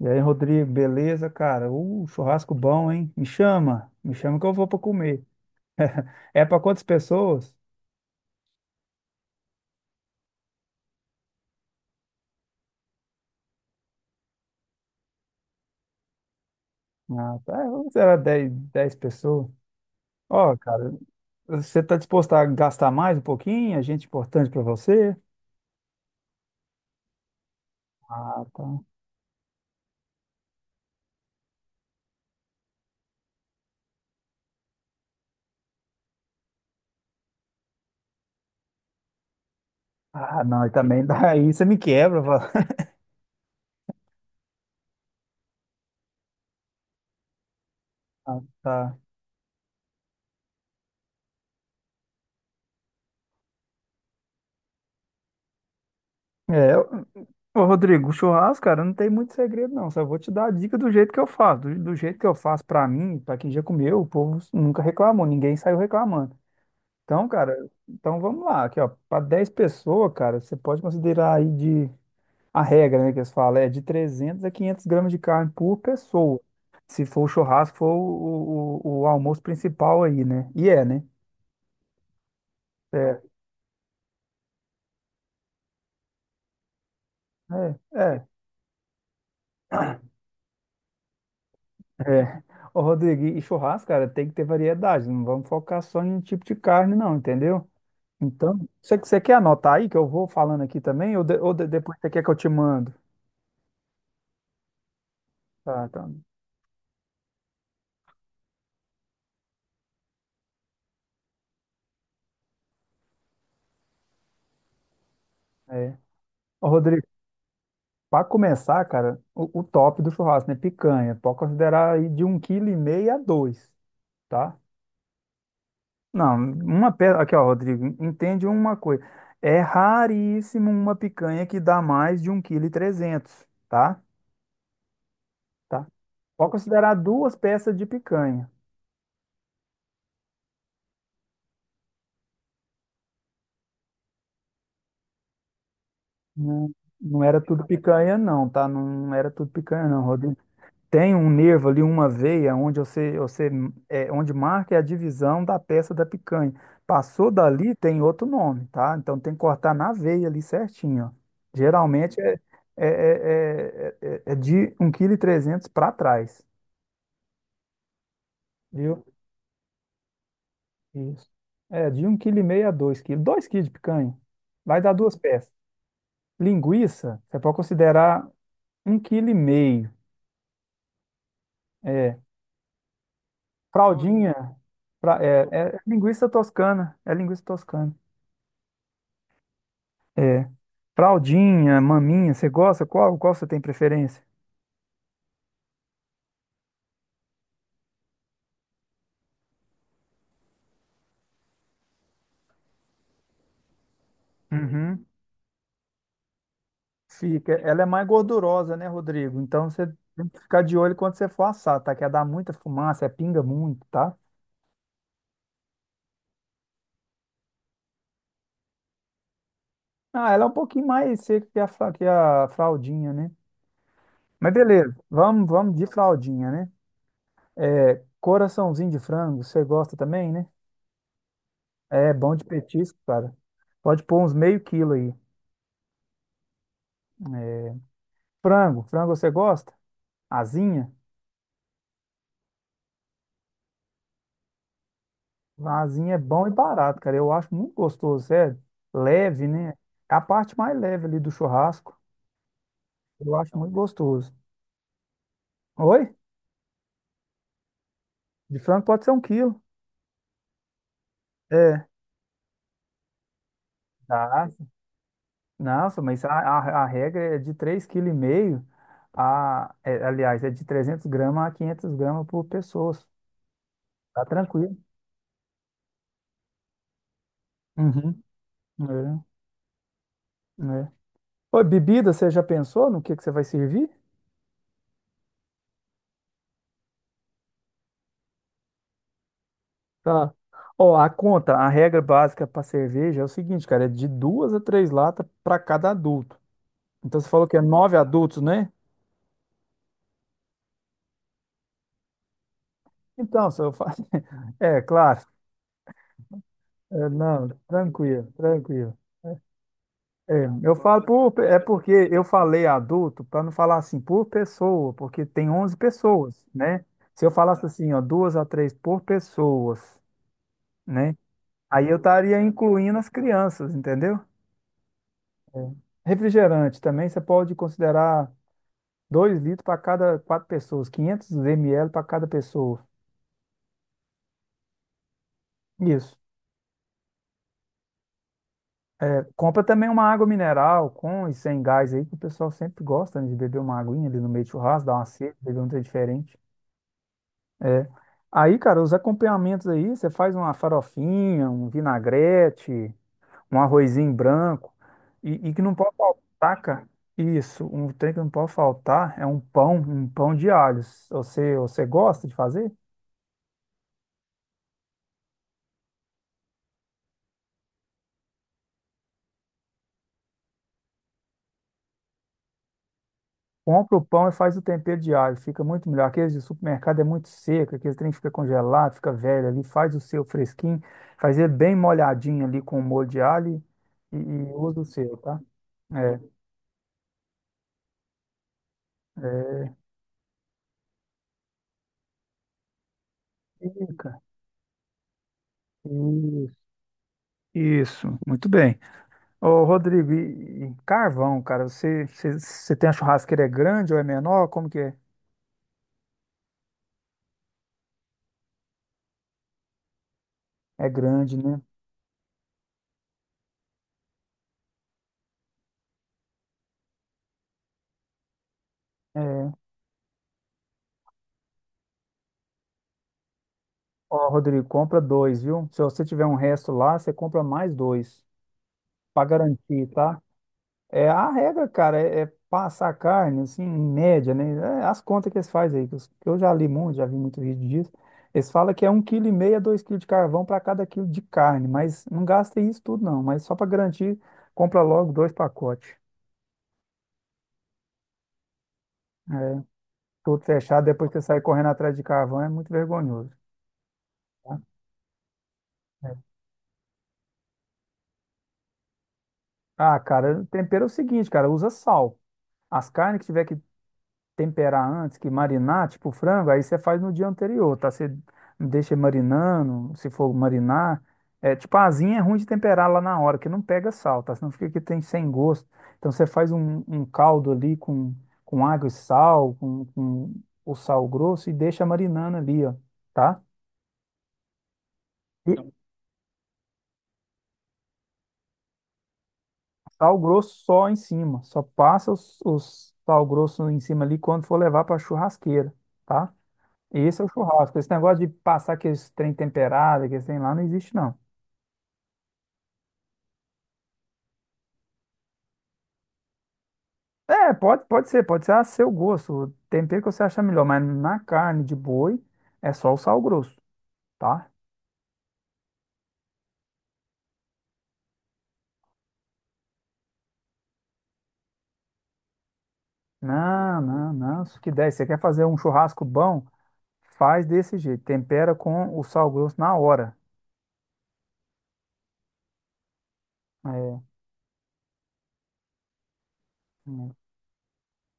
E aí, Rodrigo, beleza, cara? Churrasco bom, hein? Me chama que eu vou pra comer. É pra quantas pessoas? Ah, tá, é, vamos será 10 pessoas. Ó, cara, você tá disposto a gastar mais um pouquinho? A gente importante pra você? Ah, tá. Ah, não, e também daí você me quebra. Fala. Ah, tá. É, ô, Rodrigo, o churrasco, cara, não tem muito segredo, não. Só vou te dar a dica do jeito que eu faço. Do jeito que eu faço pra mim, pra quem já comeu, o povo nunca reclamou, ninguém saiu reclamando. Então, cara, então vamos lá, aqui, ó, para 10 pessoas, cara, você pode considerar aí de a regra, né, que eles falam, é de 300 a 500 gramas de carne por pessoa. Se for o churrasco, for o almoço principal aí, né? E é, né? É, é, é, é. Ô, Rodrigo, e churrasco, cara, tem que ter variedade, não vamos focar só em um tipo de carne, não, entendeu? Então, você quer anotar aí que eu vou falando aqui também, ou, depois você quer que eu te mando? Tá, tá. É. Ô, Rodrigo, para começar, cara, o top do churrasco, né? Picanha. Pode considerar aí de um quilo e meio a dois, tá? Não, uma peça. Aqui, ó, Rodrigo, entende uma coisa. É raríssimo uma picanha que dá mais de um quilo e trezentos, kg, tá? Tá? Pode considerar duas peças de picanha. Não, não era tudo picanha, não, tá? Não era tudo picanha, não, Rodrigo. Tem um nervo ali, uma veia, onde você onde marca é a divisão da peça da picanha. Passou dali, tem outro nome, tá? Então tem que cortar na veia ali certinho, ó. Geralmente é de 1,3 kg para trás, viu? Isso. É, de 1,5 kg a 2 quilos. 2 quilos de picanha. Vai dar duas peças. Linguiça, você pode considerar 1,5 kg. É. Fraldinha, fra- é, é linguiça toscana. É linguiça toscana. Fraldinha, maminha, você gosta? Qual você tem preferência? Uhum. Fica. Ela é mais gordurosa, né, Rodrigo? Então você tem que ficar de olho quando você for assar, tá? Que ela dá muita fumaça, é pinga muito, tá? Ah, ela é um pouquinho mais seca que a fraldinha, né? Mas beleza, vamos de fraldinha, né? É, coraçãozinho de frango, você gosta também, né? É bom de petisco, cara. Pode pôr uns meio quilo aí. É, Frango você gosta? Asinha? Vazinho é bom e barato, cara. Eu acho muito gostoso, sério. Leve, né? É a parte mais leve ali do churrasco. Eu acho muito gostoso. Oi? De frango pode ser um quilo. É. Tá. Nossa, mas a regra é de 3,5 kg aliás, é de 300 gramas a 500 gramas por pessoa. Tá tranquilo. Uhum. É, é. Oi, bebida, você já pensou no que você vai servir? Tá. Ó, a conta, a regra básica para cerveja é o seguinte, cara, é de duas a três latas para cada adulto. Então você falou que é nove adultos, né? Então, se eu faço. É, claro. É, não, tranquilo, tranquilo. É, eu falo por. É porque eu falei adulto para não falar assim por pessoa, porque tem 11 pessoas, né? Se eu falasse assim, ó, duas a três por pessoas, né? Aí eu estaria incluindo as crianças, entendeu? É. Refrigerante também, você pode considerar. Dois litros para cada quatro pessoas, 500 ml para cada pessoa. Isso. Compra também uma água mineral com e sem gás aí, que o pessoal sempre gosta, né, de beber uma aguinha ali no meio de churrasco, dar uma sede, beber um trem diferente. É. Aí, cara, os acompanhamentos aí, você faz uma farofinha, um vinagrete, um arrozinho branco, e que não pode faltar, cara. Isso, um trem que não pode faltar é um pão de alhos. Você gosta de fazer? Compra o pão e faz o tempero diário, fica muito melhor. Aqueles de supermercado é muito seco, aqueles trem fica congelado, fica velho ali, faz o seu fresquinho, faz ele bem molhadinho ali com molho de alho e usa o seu, tá? É, é, fica. Isso, isso, muito bem. Ô, Rodrigo, e carvão, cara, você tem a churrasqueira é grande ou é menor? Como que é? É grande, né? É. Ó, Rodrigo, compra dois, viu? Se você tiver um resto lá, você compra mais dois, para garantir, tá? É, a regra, cara, é passar carne, assim, em média, né? É, as contas que eles fazem aí, que eu já li muito, já vi muito vídeo disso. Eles falam que é um quilo e meio a dois quilos de carvão para cada quilo de carne, mas não gasta isso tudo, não. Mas só para garantir, compra logo dois pacotes. É, tudo fechado, depois que você sair correndo atrás de carvão, é muito vergonhoso. Tá? É. Ah, cara, tempero é o seguinte, cara, usa sal. As carnes que tiver que temperar antes, que marinar, tipo frango, aí você faz no dia anterior, tá? Você deixa marinando, se for marinar. É, tipo, a asinha é ruim de temperar lá na hora, que não pega sal, tá? Senão fica que tem sem gosto. Então você faz um caldo ali com água e sal, com o sal grosso e deixa marinando ali, ó, tá? E sal grosso só em cima, só passa os sal grosso em cima ali quando for levar para churrasqueira, tá? E esse é o churrasco. Esse negócio de passar aqueles trem temperado, aqueles trem lá, não existe, não. É, pode ser a seu gosto, o tempero que você achar melhor, mas na carne de boi é só o sal grosso, tá? Não, não, não, isso que der. Você quer fazer um churrasco bom? Faz desse jeito, tempera com o sal grosso na hora. É, é.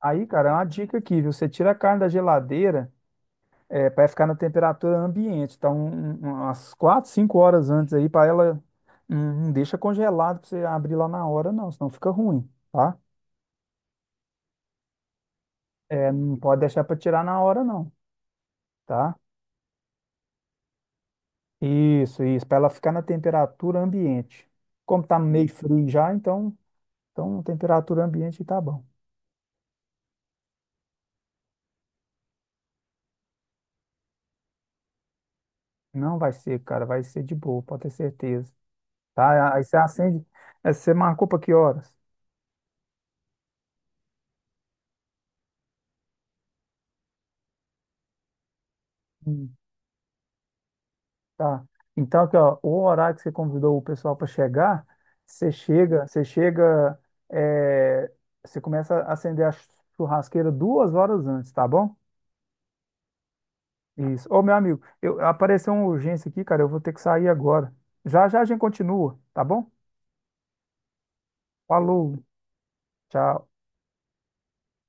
Aí, cara, é uma dica aqui, viu? Você tira a carne da geladeira. É, para ficar na temperatura ambiente. Então, umas 4, 5 horas antes aí, para ela. Não deixa congelado para você abrir lá na hora, não, senão fica ruim, tá? É, não pode deixar para tirar na hora, não, tá? Isso, para ela ficar na temperatura ambiente. Como tá meio frio já, então temperatura ambiente tá bom. Não vai ser, cara, vai ser de boa, pode ter certeza, tá? Aí você acende, aí você marcou para que horas? Hum. Tá. Então, aqui, ó, o horário que você convidou o pessoal para chegar, você chega, você chega, é, você começa a acender a churrasqueira 2 horas antes, tá bom? Isso. Ô, meu amigo, apareceu uma urgência aqui, cara, eu vou ter que sair agora. Já já a gente continua, tá bom? Falou, tchau.